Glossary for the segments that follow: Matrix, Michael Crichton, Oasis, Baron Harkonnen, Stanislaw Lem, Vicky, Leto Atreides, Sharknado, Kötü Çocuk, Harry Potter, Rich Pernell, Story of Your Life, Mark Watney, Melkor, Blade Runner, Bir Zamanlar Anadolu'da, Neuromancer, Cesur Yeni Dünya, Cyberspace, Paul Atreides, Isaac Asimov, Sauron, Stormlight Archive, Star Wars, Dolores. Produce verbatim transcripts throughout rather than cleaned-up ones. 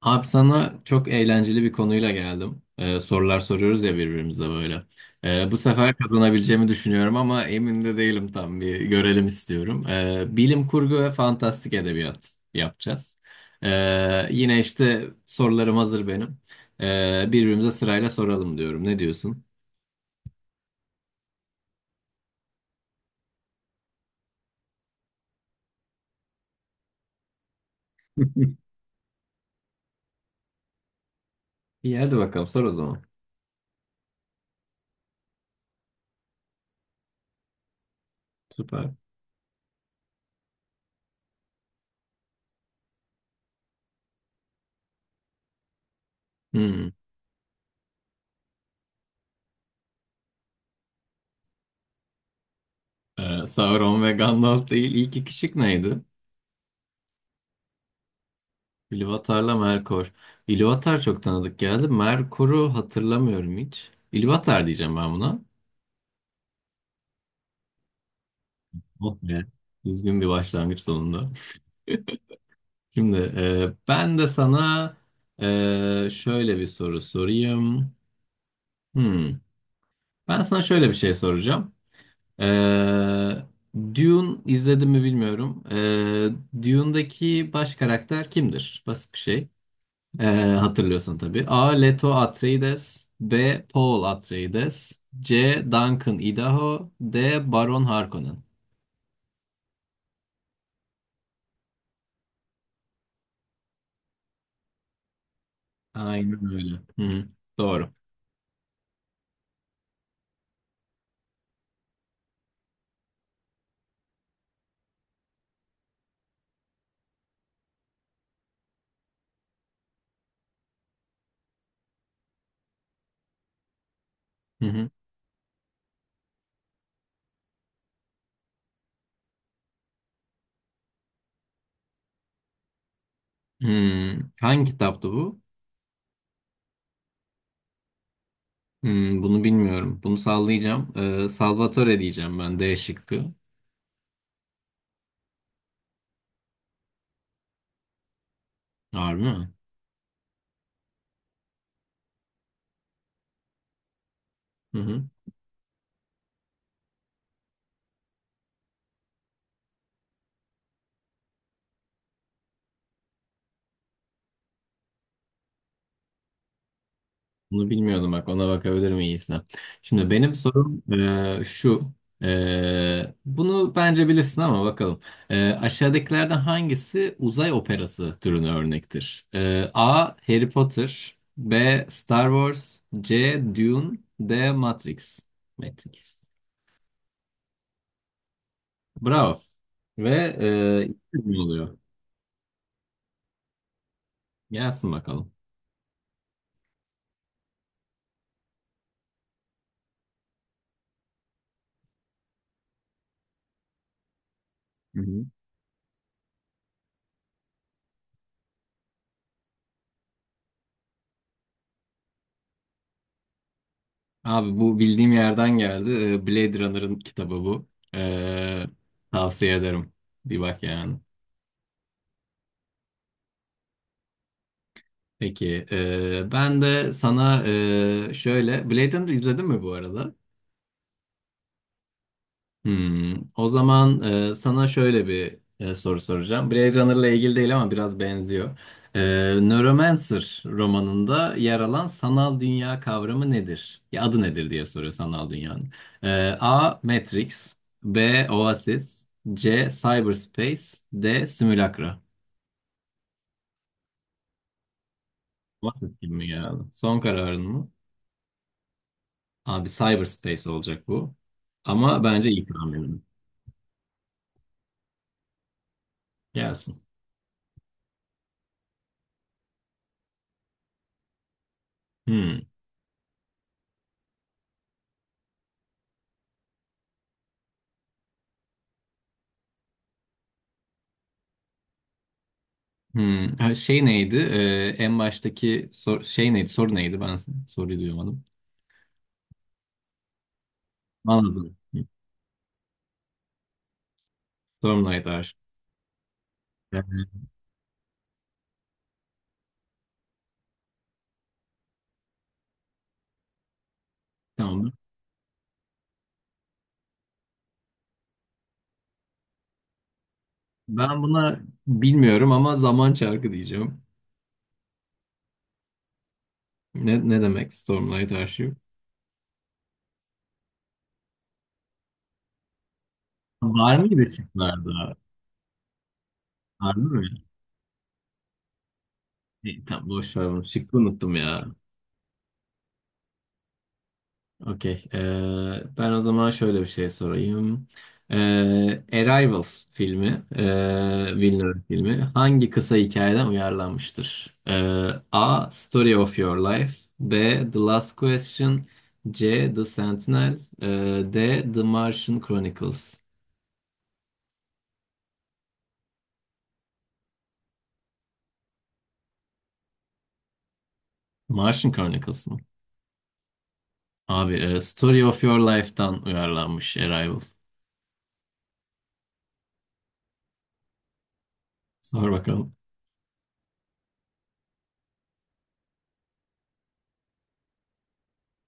Abi sana çok eğlenceli bir konuyla geldim. Ee, sorular soruyoruz ya birbirimize böyle. Ee, bu sefer kazanabileceğimi düşünüyorum ama emin de değilim tam bir görelim istiyorum. Ee, bilim kurgu ve fantastik edebiyat yapacağız. Ee, yine işte sorularım hazır benim. Ee, birbirimize sırayla soralım diyorum. Ne diyorsun? İyi hadi bakalım sor o zaman. Süper. Hmm. Ee, Sauron ve Gandalf değil. İlk iki şık neydi? İlvatar'la Melkor. İlvatar çok tanıdık geldi. Merkor'u hatırlamıyorum hiç. İlvatar diyeceğim ben buna. Oh be. Düzgün bir başlangıç sonunda. Şimdi e, ben de sana e, şöyle bir soru sorayım. Hmm. Ben sana şöyle bir şey soracağım. E, Dune izledim mi bilmiyorum. E, Dune'daki baş karakter kimdir? Basit bir şey. Ee, Hatırlıyorsun tabii. A. Leto Atreides B. Paul Atreides C. Duncan Idaho D. Baron Harkonnen. Aynen öyle. Hı hı. Doğru. Hı hı. Hmm. Hangi kitaptı bu? Hmm, bunu bilmiyorum. Bunu sallayacağım. Ee, Salvatore diyeceğim ben D şıkkı. Harbi mi? Hı hı. Bunu bilmiyordum bak ona bakabilirim iyisine. Şimdi benim sorum e, şu. E, bunu bence bilirsin ama bakalım. E, aşağıdakilerden hangisi uzay operası türünü örnektir? E, A. Harry Potter B. Star Wars C. Dune D. Matrix. Matrix. Bravo. Ve e, iki mi oluyor? Gelsin bakalım. Abi bu bildiğim yerden geldi. Ee, Blade Runner'ın kitabı bu. Ee, Tavsiye ederim. Bir bak yani. Peki, ee, ben de sana ee, şöyle Blade Runner izledin mi bu arada? Hmm, o zaman e, sana şöyle bir e, soru soracağım. Blade Runner'la ilgili değil ama biraz benziyor. E, Neuromancer romanında yer alan sanal dünya kavramı nedir? Ya adı nedir diye soruyor sanal dünyanın. E, A. Matrix B. Oasis C. Cyberspace D. Simulacra. Oasis gibi mi geldi? Son kararın mı? Abi Cyberspace olacak bu. Ama bence iyi tahminim. Gelsin. Hmm. Hmm, ha, şey neydi? Ee, en baştaki sor- şey neydi? Soru neydi? Ben soruyu duyamadım. Anladım. Hı, sorum neydi? Ayşe? Evet. Tamam. Ben buna bilmiyorum ama zaman çarkı diyeceğim. Ne, ne demek Stormlight Archive? Var mıydı şıklarda? Var mı? E, tamam boş ver onu. Şıkkı unuttum ya. Okey. Ee, ben o zaman şöyle bir şey sorayım. Ee, Arrival filmi, ee, Villeneuve filmi hangi kısa hikayeden uyarlanmıştır? Ee, A. Story of Your Life B. The Last Question C. The Sentinel ee, D. The Martian Chronicles. Martian Chronicles mı? Abi, e, Story of Your Life'tan uyarlanmış Arrival. Sor bakalım.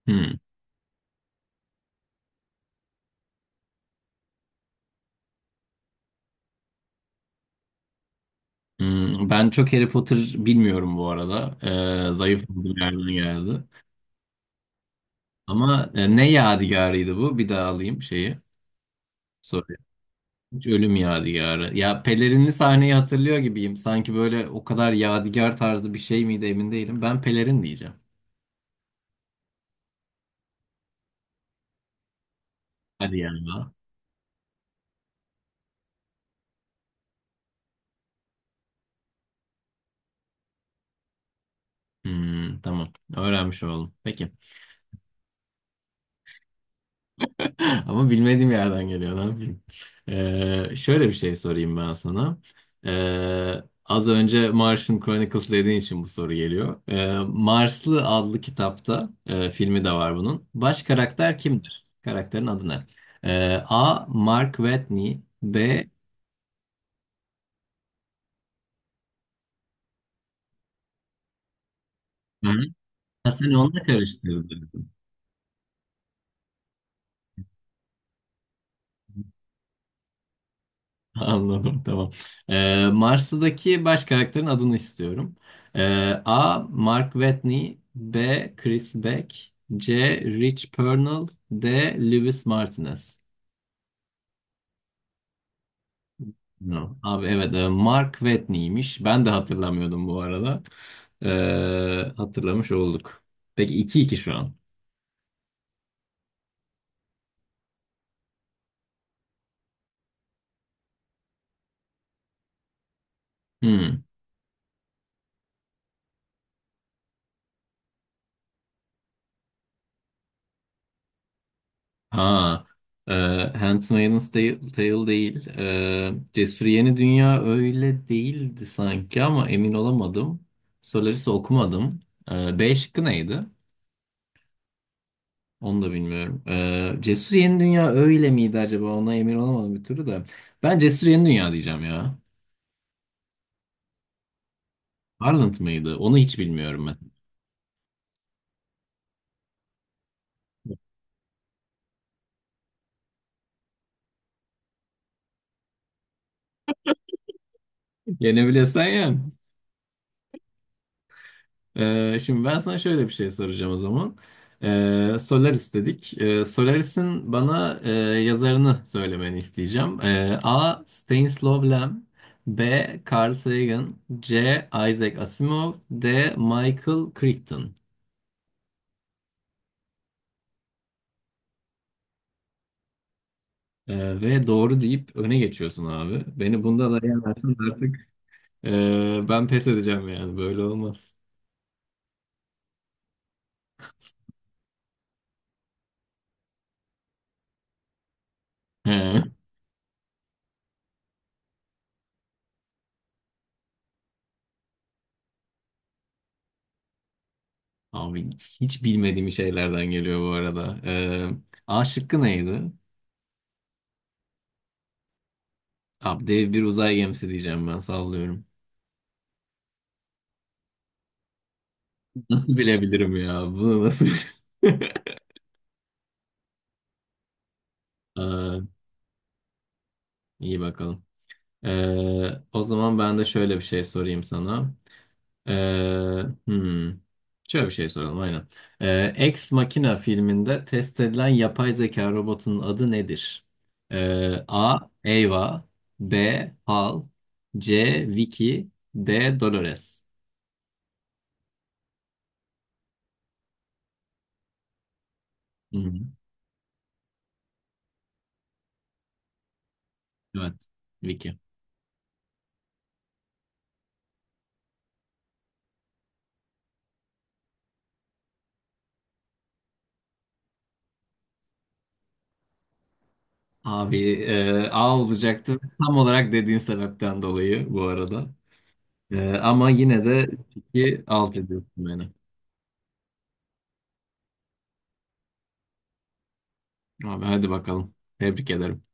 Hmm. Hmm, ben çok Harry Potter bilmiyorum bu arada. Ee, zayıf bir yerden geldi. Ama e, ne yadigarıydı bu? Bir daha alayım şeyi. Soruyu. Hiç ölüm yadigarı. Ya pelerinli sahneyi hatırlıyor gibiyim. Sanki böyle o kadar yadigar tarzı bir şey miydi emin değilim. Ben pelerin diyeceğim. Hadi yani. Hmm, tamam. Öğrenmiş oldum. Peki. Ama bilmediğim yerden geliyor, ne yapayım? Ee, şöyle bir şey sorayım ben sana. Ee, az önce Martian Chronicles dediğin için bu soru geliyor. Ee, Marslı adlı kitapta, e, filmi de var bunun. Baş karakter kimdir? Karakterin adı ne? Ee, A. Mark Watney B. Hı? Ha, sen onunla karıştırdın. Anladım tamam. Ee, Mars'taki baş karakterin adını istiyorum. Ee, A. Mark Watney B. Chris Beck C. Rich Pernell D. Lewis Martinez. No. Abi evet e, Mark Watney'miş. Ben de hatırlamıyordum bu arada. Ee, hatırlamış olduk. Peki iki iki şu an. Hmm. Ha, e, Handmaid's Tale, Tale değil. E, Cesur Yeni Dünya öyle değildi sanki ama emin olamadım. Solaris'i okumadım. E, B şıkkı neydi? Onu da bilmiyorum. E, Cesur Yeni Dünya öyle miydi acaba? Ona emin olamadım bir türlü de. Ben Cesur Yeni Dünya diyeceğim ya. Harland mıydı? Onu hiç bilmiyorum ben. Yenebilesen ya. Ee, şimdi ben sana şöyle bir şey soracağım o zaman. Ee, Solaris dedik. Ee, Solaris'in bana e, yazarını söylemeni isteyeceğim. Ee, A. Stanislaw Lem B. Carl Sagan C. Isaac Asimov D. Michael Crichton. Ee, ve doğru deyip öne geçiyorsun abi. Beni bunda da yenersin artık. Ee, ben pes edeceğim yani. Böyle olmaz. He. Abi hiç bilmediğim şeylerden geliyor bu arada. Ee, A şıkkı neydi? Abi dev bir uzay gemisi diyeceğim ben sallıyorum. Nasıl bilebilirim ya? Bunu nasıl aa, iyi bakalım. Ee, o zaman ben de şöyle bir şey sorayım sana. Ee, hmm, Şöyle bir şey soralım aynen. Ee, Ex Machina filminde test edilen yapay zeka robotunun adı nedir? Ee, A. Ava B. Hal C. Vicky D. Dolores. Hı hı. Evet. Vicky. Abi e, A olacaktı. Tam olarak dediğin sebepten dolayı bu arada. E, ama yine de iki alt ediyorsun beni. Abi hadi bakalım. Tebrik ederim.